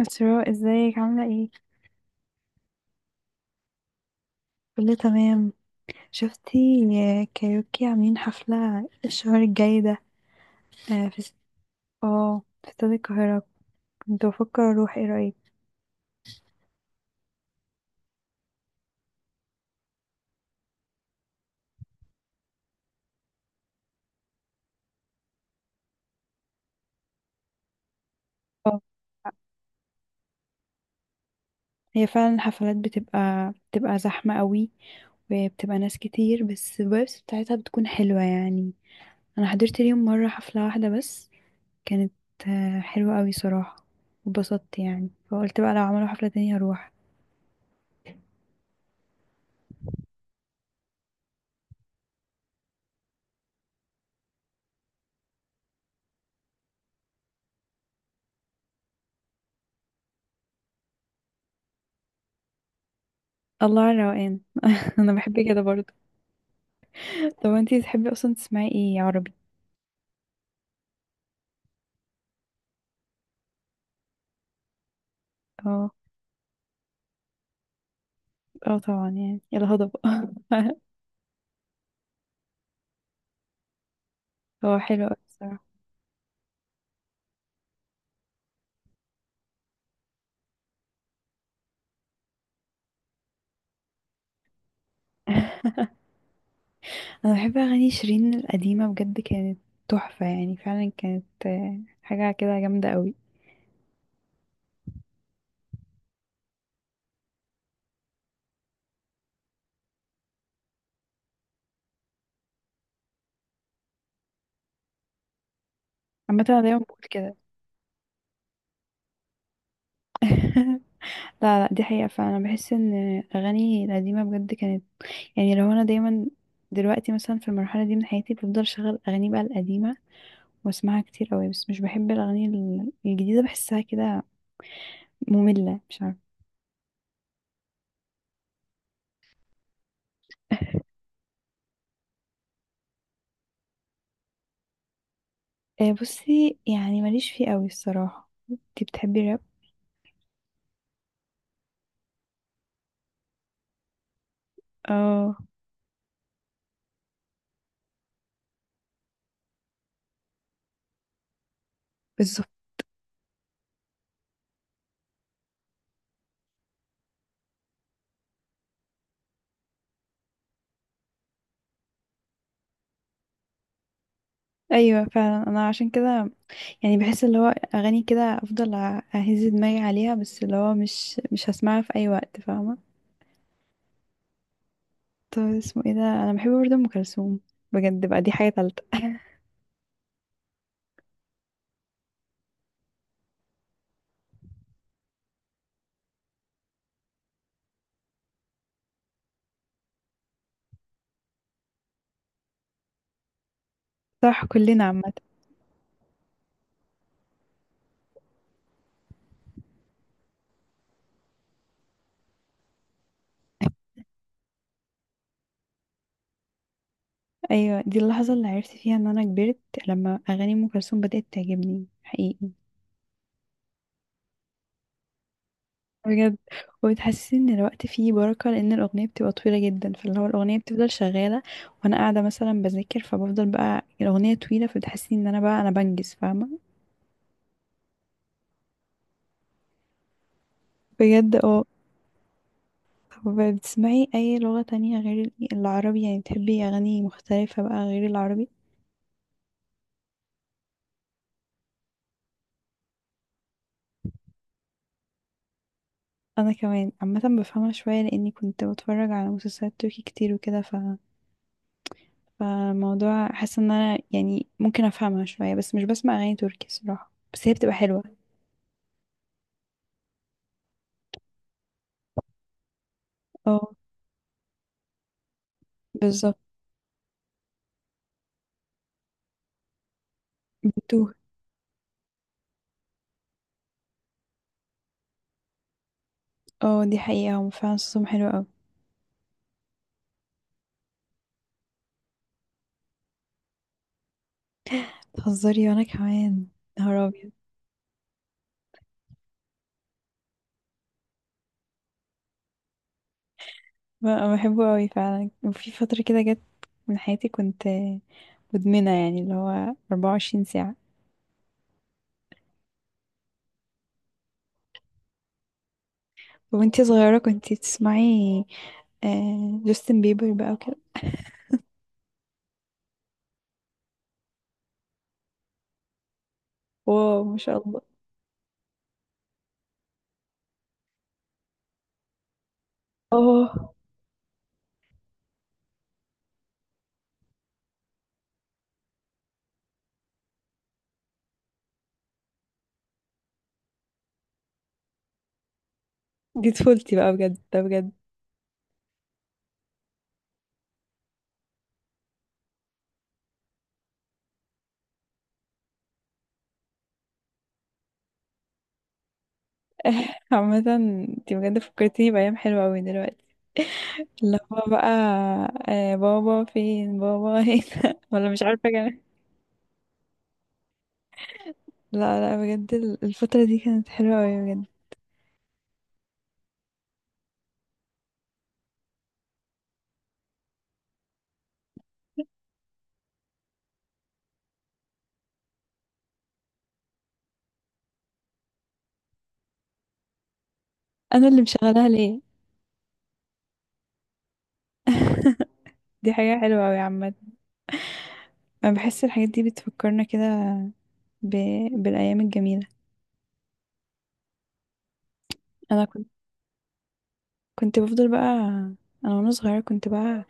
أسراء، ازيك عاملة ايه؟ كله تمام. شفتي كايروكي عاملين حفلة الشهر الجاي ده؟ في، اه، في استاد القاهرة. كنت بفكر اروح، ايه رأيك؟ اه، هي فعلا الحفلات بتبقى زحمة قوي، وبتبقى ناس كتير، بس الفايبس بتاعتها بتكون حلوة يعني. انا حضرت ليهم مرة حفلة واحدة بس. كانت حلوة قوي صراحة، واتبسطت يعني، فقلت بقى لو عملوا حفلة تانية هروح. الله على الروقان. انا بحب كده برضه. طب انتي تحبي اصلا تسمعي ايه عربي؟ اه، اه طبعا، يعني الهضبة. هو حلو اوي الصراحة. انا بحب اغاني شيرين القديمة، بجد كانت تحفة، يعني فعلا كانت حاجة كده جامدة قوي. عامة انا دايما بقول كده. لا لا، دي حقيقة، فأنا بحس إن أغاني القديمة بجد كانت، يعني لو أنا دايما. دلوقتي مثلا في المرحلة دي من حياتي بفضل شغل أغاني بقى القديمة واسمعها كتير قوي، بس مش بحب الأغاني الجديدة، بحسها كده مملة، مش عارفة. بصي يعني ماليش فيه قوي الصراحة، انتي بتحبي الراب؟ اه، بالظبط. ايوه فعلا، انا عشان كده يعني بحس اللي هو اغاني كده افضل اهز دماغي عليها، بس اللي هو مش هسمعها في اي وقت، فاهمة. طب اسمه ايه ده، انا بحب برضه ام كلثوم، بجد بقى دي حاجة تالتة. صح كلنا عامة. ايوه، دي اللحظة اللي عرفت فيها ان انا كبرت، لما اغاني ام كلثوم بدأت تعجبني حقيقي. بجد، وبتحسسني ان الوقت فيه بركة لان الاغنية بتبقى طويلة جدا، فاللي هو الاغنية بتفضل شغالة وانا قاعدة مثلا بذاكر، فبفضل بقى الاغنية طويلة فبتحسسني ان انا بقى انا بنجز، فاهمة. بجد اه. طب بتسمعي اي لغة تانية غير العربي؟ يعني بتحبي اغاني مختلفة بقى غير العربي؟ انا كمان عامة بفهمها شوية لاني كنت بتفرج على مسلسلات تركي كتير وكده، فالموضوع حاسة ان انا يعني ممكن افهمها شوية، بس مش بسمع اغاني تركي صراحة، بس هي بتبقى حلوة. اه بالظبط. اه دي حقيقة، هو فعلا صوصهم حلو اوي. تهزري، وانا كمان. نهار ابيض. ب- بحبه اوي فعلا، وفي فترة كده جت من حياتي كنت مدمنة يعني، اللي هو 24 ساعة. وانتي صغيرة كنتي بتسمعي آه جاستن بيبر بقى وكده. واو، ما شاء الله. اه، دي طفولتي بقى بجد، ده بجد. عامة انتي بجد فكرتيني بأيام حلوة اوي دلوقتي. اللي هو بقى، آه بابا فين بابا هنا. ولا مش عارفة. لا لا بجد الفترة دي كانت حلوة أوي بجد. أنا اللي مشغلاها ليه. دي حاجة حلوة أوي عامة. أنا بحس الحاجات دي بتفكرنا كده ب... بالأيام الجميلة. أنا كنت، كنت بفضل بقى، أنا وأنا صغيرة كنت بقى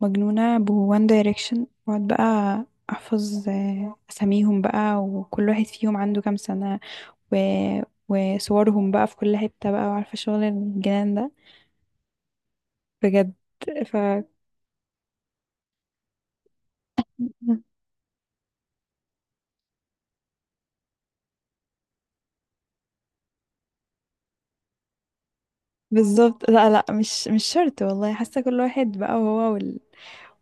مجنونة بوان دايركشن، وأقعد بقى أحفظ أساميهم بقى، وكل واحد فيهم عنده كام سنة، و... وصورهم بقى في كل حتة بقى، وعارفة شغل الجنان ده. بجد ف. بالظبط، لا لا، مش شرط والله، حاسة كل واحد بقى، وهو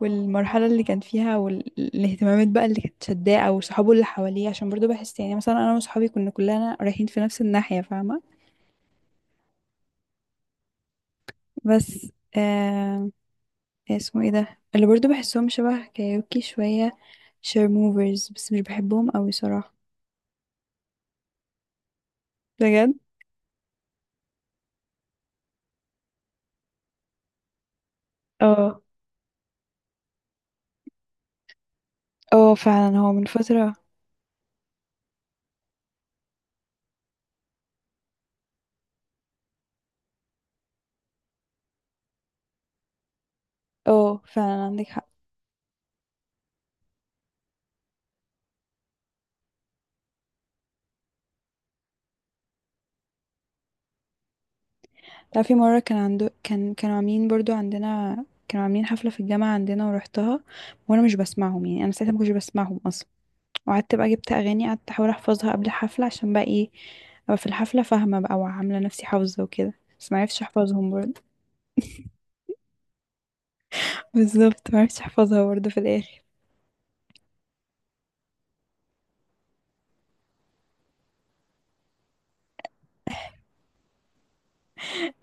والمرحلة اللي كان فيها والاهتمامات بقى اللي كانت شداه أو صحابه اللي حواليه، عشان برضو بحس يعني مثلا أنا وصحابي كنا كلنا رايحين في نفس الناحية، فاهمة. بس آه، إيه اسمه ايه ده اللي برضو بحسهم شبه كايوكي شوية، شير موفرز، بس مش بحبهم أوي صراحة. بجد اه. اه فعلا هو من فترة. اه فعلا عندك. تعرفي مرة كان عنده، كان كانوا عاملين برضو عندنا، كانوا عاملين حفلة في الجامعة عندنا ورحتها، وانا مش بسمعهم يعني، انا ساعتها ما كنتش بسمعهم اصلا، وقعدت بقى جبت اغاني قعدت احاول احفظها قبل الحفلة عشان بقى ايه، ابقى في الحفلة فاهمة بقى وعاملة نفسي حافظة وكده، بس ما عرفتش احفظهم برضه. بالظبط، ما عرفتش احفظها برضه في الاخر.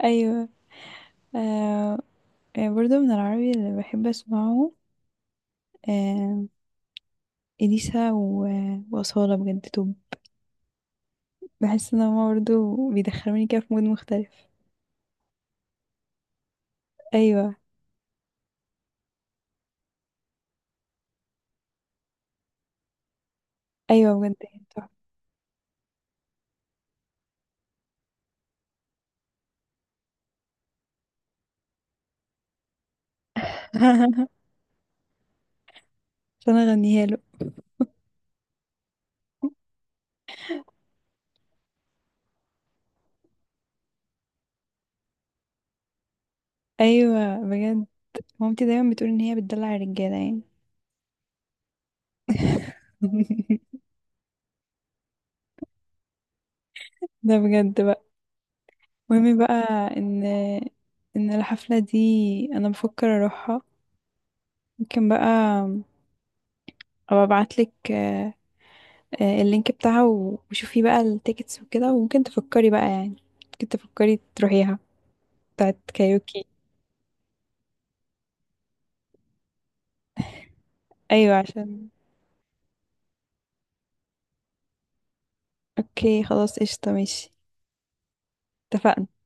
ايوه آه. برضه من العربي اللي بحب اسمعه آه، اليسا واصالة، بجد توب. بحس ان هما برضه بيدخلوني كده في مود مختلف. ايوه، ايوه بجد هي تحفة. عشان اغنيها له. ايوه بجد، مامتي دايما بتقول ان هي بتدلع الرجاله يعني. ده بجد بقى. المهم بقى، ان ان الحفله دي انا بفكر اروحها، ممكن بقى ابقى ابعتلك اللينك بتاعها وشوفي بقى التيكتس وكده، وممكن تفكري بقى يعني، ممكن تفكري تروحيها، بتاعت كايوكي. ايوه عشان. اوكي خلاص، قشطه، ماشي، اتفقنا.